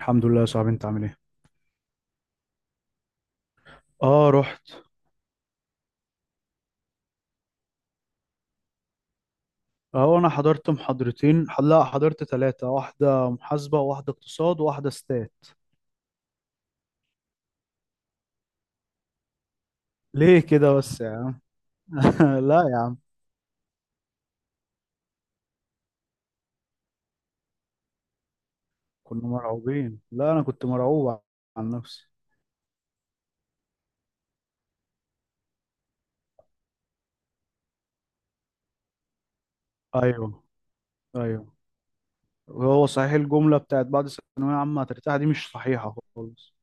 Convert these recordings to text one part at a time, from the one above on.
الحمد لله يا صاحبي، انت عامل ايه؟ اه، رحت. اه، انا حضرت محاضرتين، لا حضرت ثلاثة، واحدة محاسبة وواحدة اقتصاد وواحدة ستات. ليه كده بس يا عم؟ لا يا عم. كنا مرعوبين، لا انا كنت مرعوب عن نفسي. ايوه، ايوه. هو صحيح الجملة بتاعت بعد ثانوية عامة هترتاح دي مش صحيحة خالص.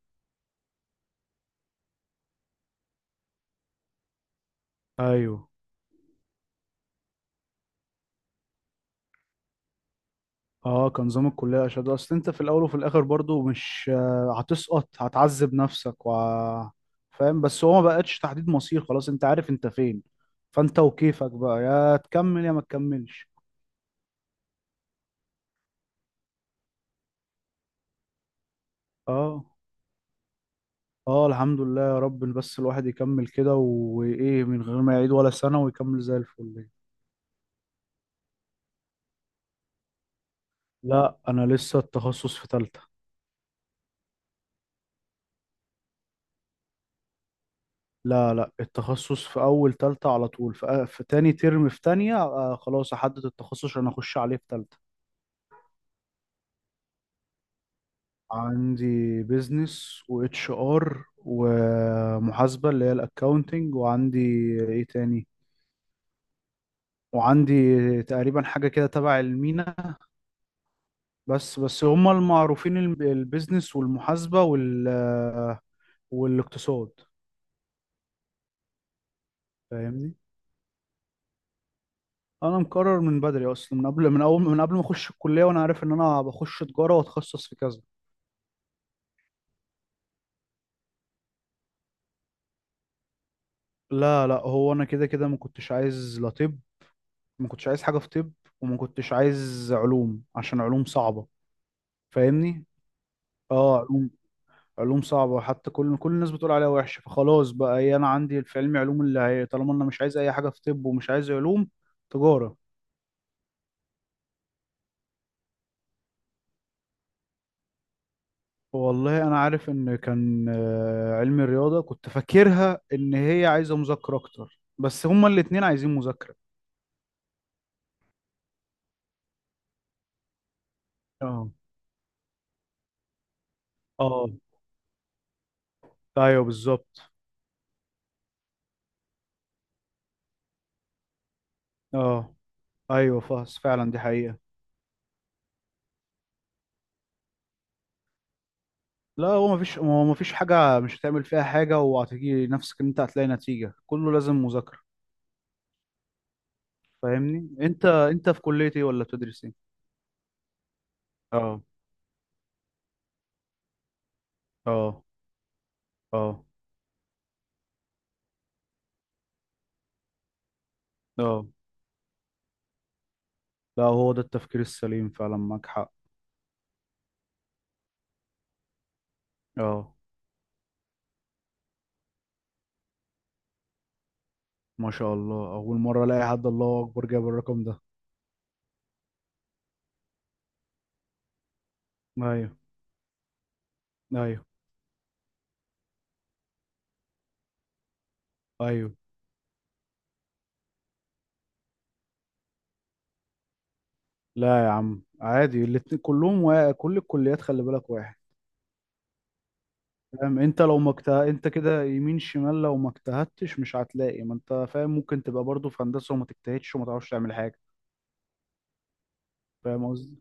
ايوه. اه، كان نظام الكلية أشد، أصل أنت في الأول وفي الآخر برضو مش هتسقط، هتعذب نفسك و... فاهم. بس هو ما بقتش تحديد مصير، خلاص أنت عارف أنت فين، فأنت وكيفك بقى، يا تكمل يا ما تكملش. اه، اه الحمد لله يا رب، بس الواحد يكمل كده وإيه من غير ما يعيد ولا سنة ويكمل زي الفل. لا، أنا لسه التخصص في تالتة. لا لا، التخصص في أول تالتة على طول. في تاني ترم، في تانية خلاص أحدد التخصص عشان أخش عليه في تالتة. عندي بيزنس واتش ار ومحاسبة اللي هي الاكاونتنج، وعندي ايه تاني، وعندي تقريبا حاجة كده تبع المينا. بس هما المعروفين، البيزنس والمحاسبة والاقتصاد. فاهمني؟ انا مقرر من بدري اصلا، من قبل، من اول، من قبل ما اخش الكلية، وانا عارف ان انا بخش تجارة واتخصص في كذا. لا لا، هو انا كده كده ما كنتش عايز لا طب، ما كنتش عايز حاجة في طب، وما كنتش عايز علوم عشان علوم صعبة. فاهمني. اه، علوم، علوم صعبة، حتى كل الناس بتقول عليها وحشة، فخلاص بقى ايه، انا عندي في علمي علوم، اللي هي طالما انا مش عايز اي حاجة في طب ومش عايز علوم، تجارة. والله انا عارف ان كان علمي رياضة كنت فاكرها ان هي عايزة مذاكرة اكتر، بس هما الاتنين عايزين مذاكرة. اه، اه، ايوه بالظبط. اه، ايوه فاس، فعلا دي حقيقة. لا، هو مفيش حاجة مش هتعمل فيها حاجة، وهتيجي نفسك ان انت هتلاقي نتيجة، كله لازم مذاكرة. فاهمني؟ انت في كلية ايه ولا بتدرس ايه؟ اه، اه، اه، اه. لا، هو ده التفكير السليم فعلا، معاك حق. اه، ما شاء الله، اول مرة الاقي حد، الله اكبر، جاب الرقم ده. ايوه، ايوه، ايوه. لا يا عم عادي، الاتنين كلهم كل الكليات خلي بالك واحد. فاهم، انت لو ما مكت... انت كده يمين شمال، لو ما اجتهدتش مش هتلاقي. ما انت فاهم، ممكن تبقى برضه في هندسة وما تجتهدش وما تعرفش تعمل حاجة. فاهم قصدي.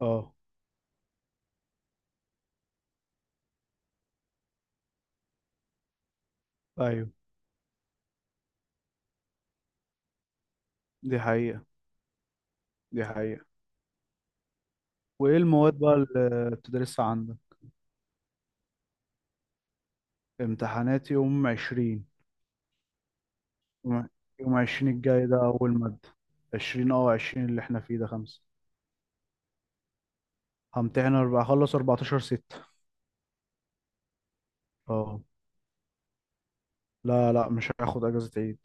اه، ايوه، دي حقيقة، دي حقيقة. وايه المواد بقى اللي بتدرسها عندك؟ امتحانات يوم 20. يوم يوم 20 الجاي ده اول مادة. عشرين، اه عشرين اللي احنا فيه ده خمسة. همتحن اربعة، اخلص اربعتاشر ستة. اه، لا لا، مش هاخد اجازة عيد.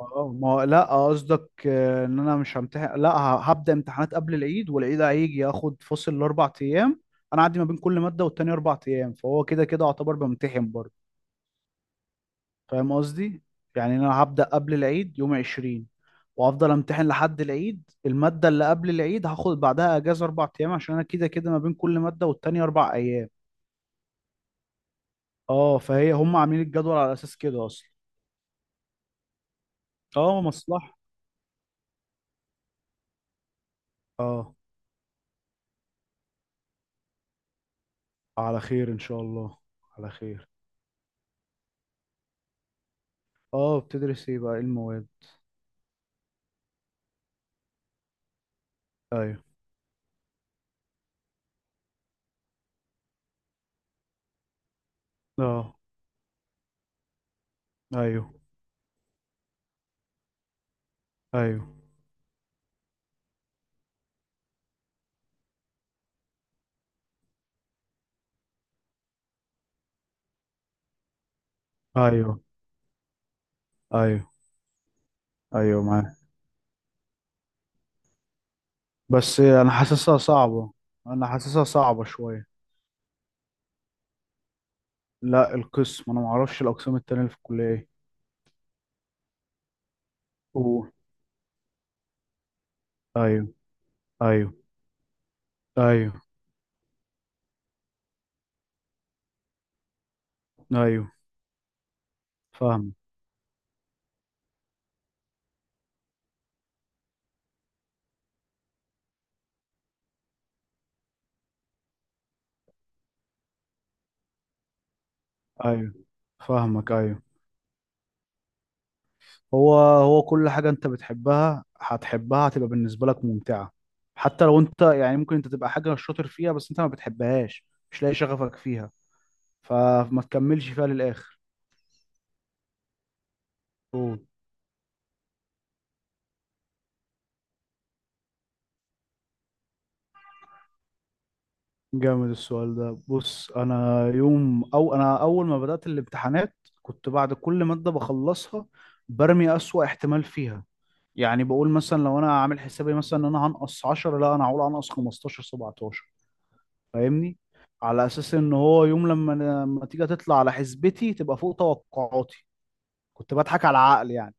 اه، ما لا قصدك ان انا مش همتحن، لا هبدأ امتحانات قبل العيد، والعيد هيجي اخد فصل الاربع ايام. انا عندي ما بين كل مادة والتانية اربع ايام، فهو كده كده اعتبر بمتحن برضه. فاهم قصدي؟ يعني انا هبدأ قبل العيد يوم 20، وافضل امتحن لحد العيد. الماده اللي قبل العيد هاخد بعدها اجازه اربع ايام، عشان انا كده كده ما بين كل ماده والتانيه اربع ايام. اه، فهي هم عاملين الجدول على اساس كده اصلا. اه، مصلحه. اه، على خير ان شاء الله، على خير. اه، بتدرس ايه بقى، ايه المواد؟ ايوه، اه، ايوه، ايوه، ايوه، ايوه، ايوه معاك. بس انا حاسسها صعبه. انا حاسسها صعبه شويه. لا القسم، انا ما اعرفش الاقسام التانيه اللي في الكليه ايه. قول. ايوه، ايوه، ايوه، ايوه فاهمك، ايوه فاهمك، ايوه. هو كل حاجه انت بتحبها هتحبها، هتبقى بالنسبه لك ممتعه. حتى لو انت، يعني ممكن انت تبقى حاجه شاطر فيها بس انت ما بتحبهاش، مش لاقي شغفك فيها، فما تكملش فيها للاخر. أوه. جامد السؤال ده. بص، انا يوم او انا اول ما بدات الامتحانات كنت بعد كل ماده بخلصها برمي اسوأ احتمال فيها. يعني بقول مثلا لو انا عامل حسابي مثلا ان انا هنقص 10، لا انا هقول هنقص 15، 17. فاهمني؟ على اساس ان هو يوم لما لما تيجي تطلع على حسبتي تبقى فوق توقعاتي. كنت بضحك على العقل يعني.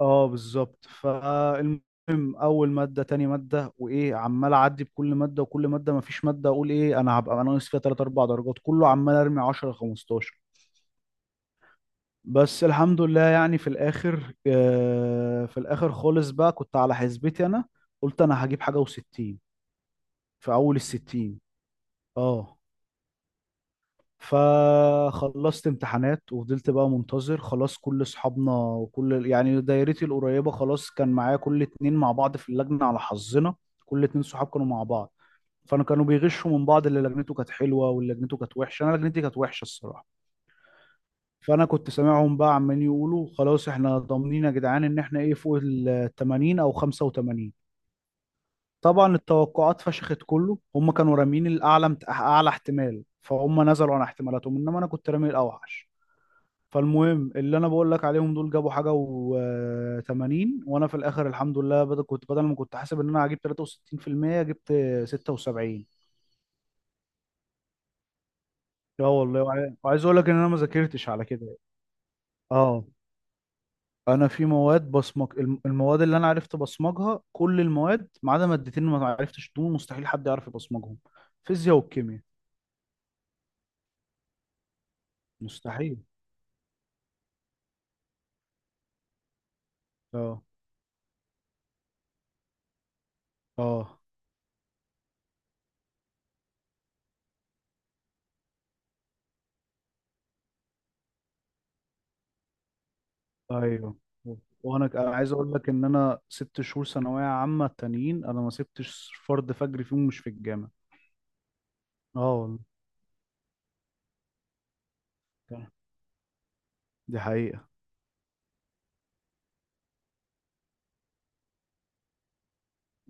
اه بالظبط. فالمهم، اول ماده، تاني ماده، وايه، عمال اعدي بكل ماده، وكل ماده ما فيش ماده اقول ايه انا هبقى ناقص فيها 3 4 درجات، كله عمال ارمي 10 15. بس الحمد لله يعني في الاخر، في الاخر خالص بقى كنت على حسبتي انا. قلت انا هجيب حاجه و60، في اول ال 60. اه. فخلصت امتحانات وفضلت بقى منتظر، خلاص كل اصحابنا وكل يعني دايرتي القريبه خلاص. كان معايا كل اتنين مع بعض في اللجنه، على حظنا كل اتنين صحاب كانوا مع بعض. فانا كانوا بيغشوا من بعض، اللي لجنته كانت حلوه واللي لجنته كانت وحشه، انا لجنتي كانت وحشه الصراحه. فانا كنت سامعهم بقى عمالين يقولوا خلاص احنا ضامنين يا جدعان ان احنا ايه فوق ال 80 او 85. طبعا التوقعات فشخت، كله هم كانوا رامين الاعلى، اعلى احتمال، فهم نزلوا عن احتمالاتهم، انما انا كنت رامي الاوحش. فالمهم، اللي انا بقول لك عليهم دول جابوا حاجه و80، وانا في الاخر الحمد لله، بدل كنت بدل ما كنت حاسب ان انا هجيب 63% جبت 76. اه والله. وعايز اقول لك ان انا ما ذاكرتش على كده. اه، انا في مواد بصمج، المواد اللي انا عرفت ابصمجها كل المواد ما عدا مادتين ما عرفتش، دول مستحيل حد يعرف يبصمجهم، فيزياء والكيمياء. مستحيل. اه، اه، ايوه. وانا عايز اقول لك ان انا 6 شهور ثانويه عامه تانيين انا ما سبتش فرد فجر فيهم، مش في الجامعه. اه والله. دي حقيقه.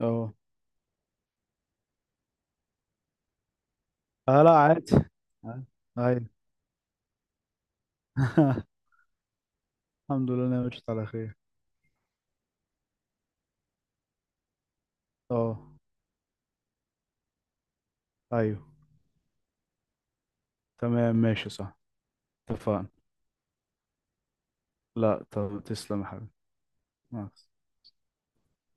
اه، اه، لا عادي. آه، ايوه. الحمد لله انا مشيت على خير. اه، ايوه، تمام، ماشي صح. اتفقنا. لا طب، تسلم يا حبيبي. مع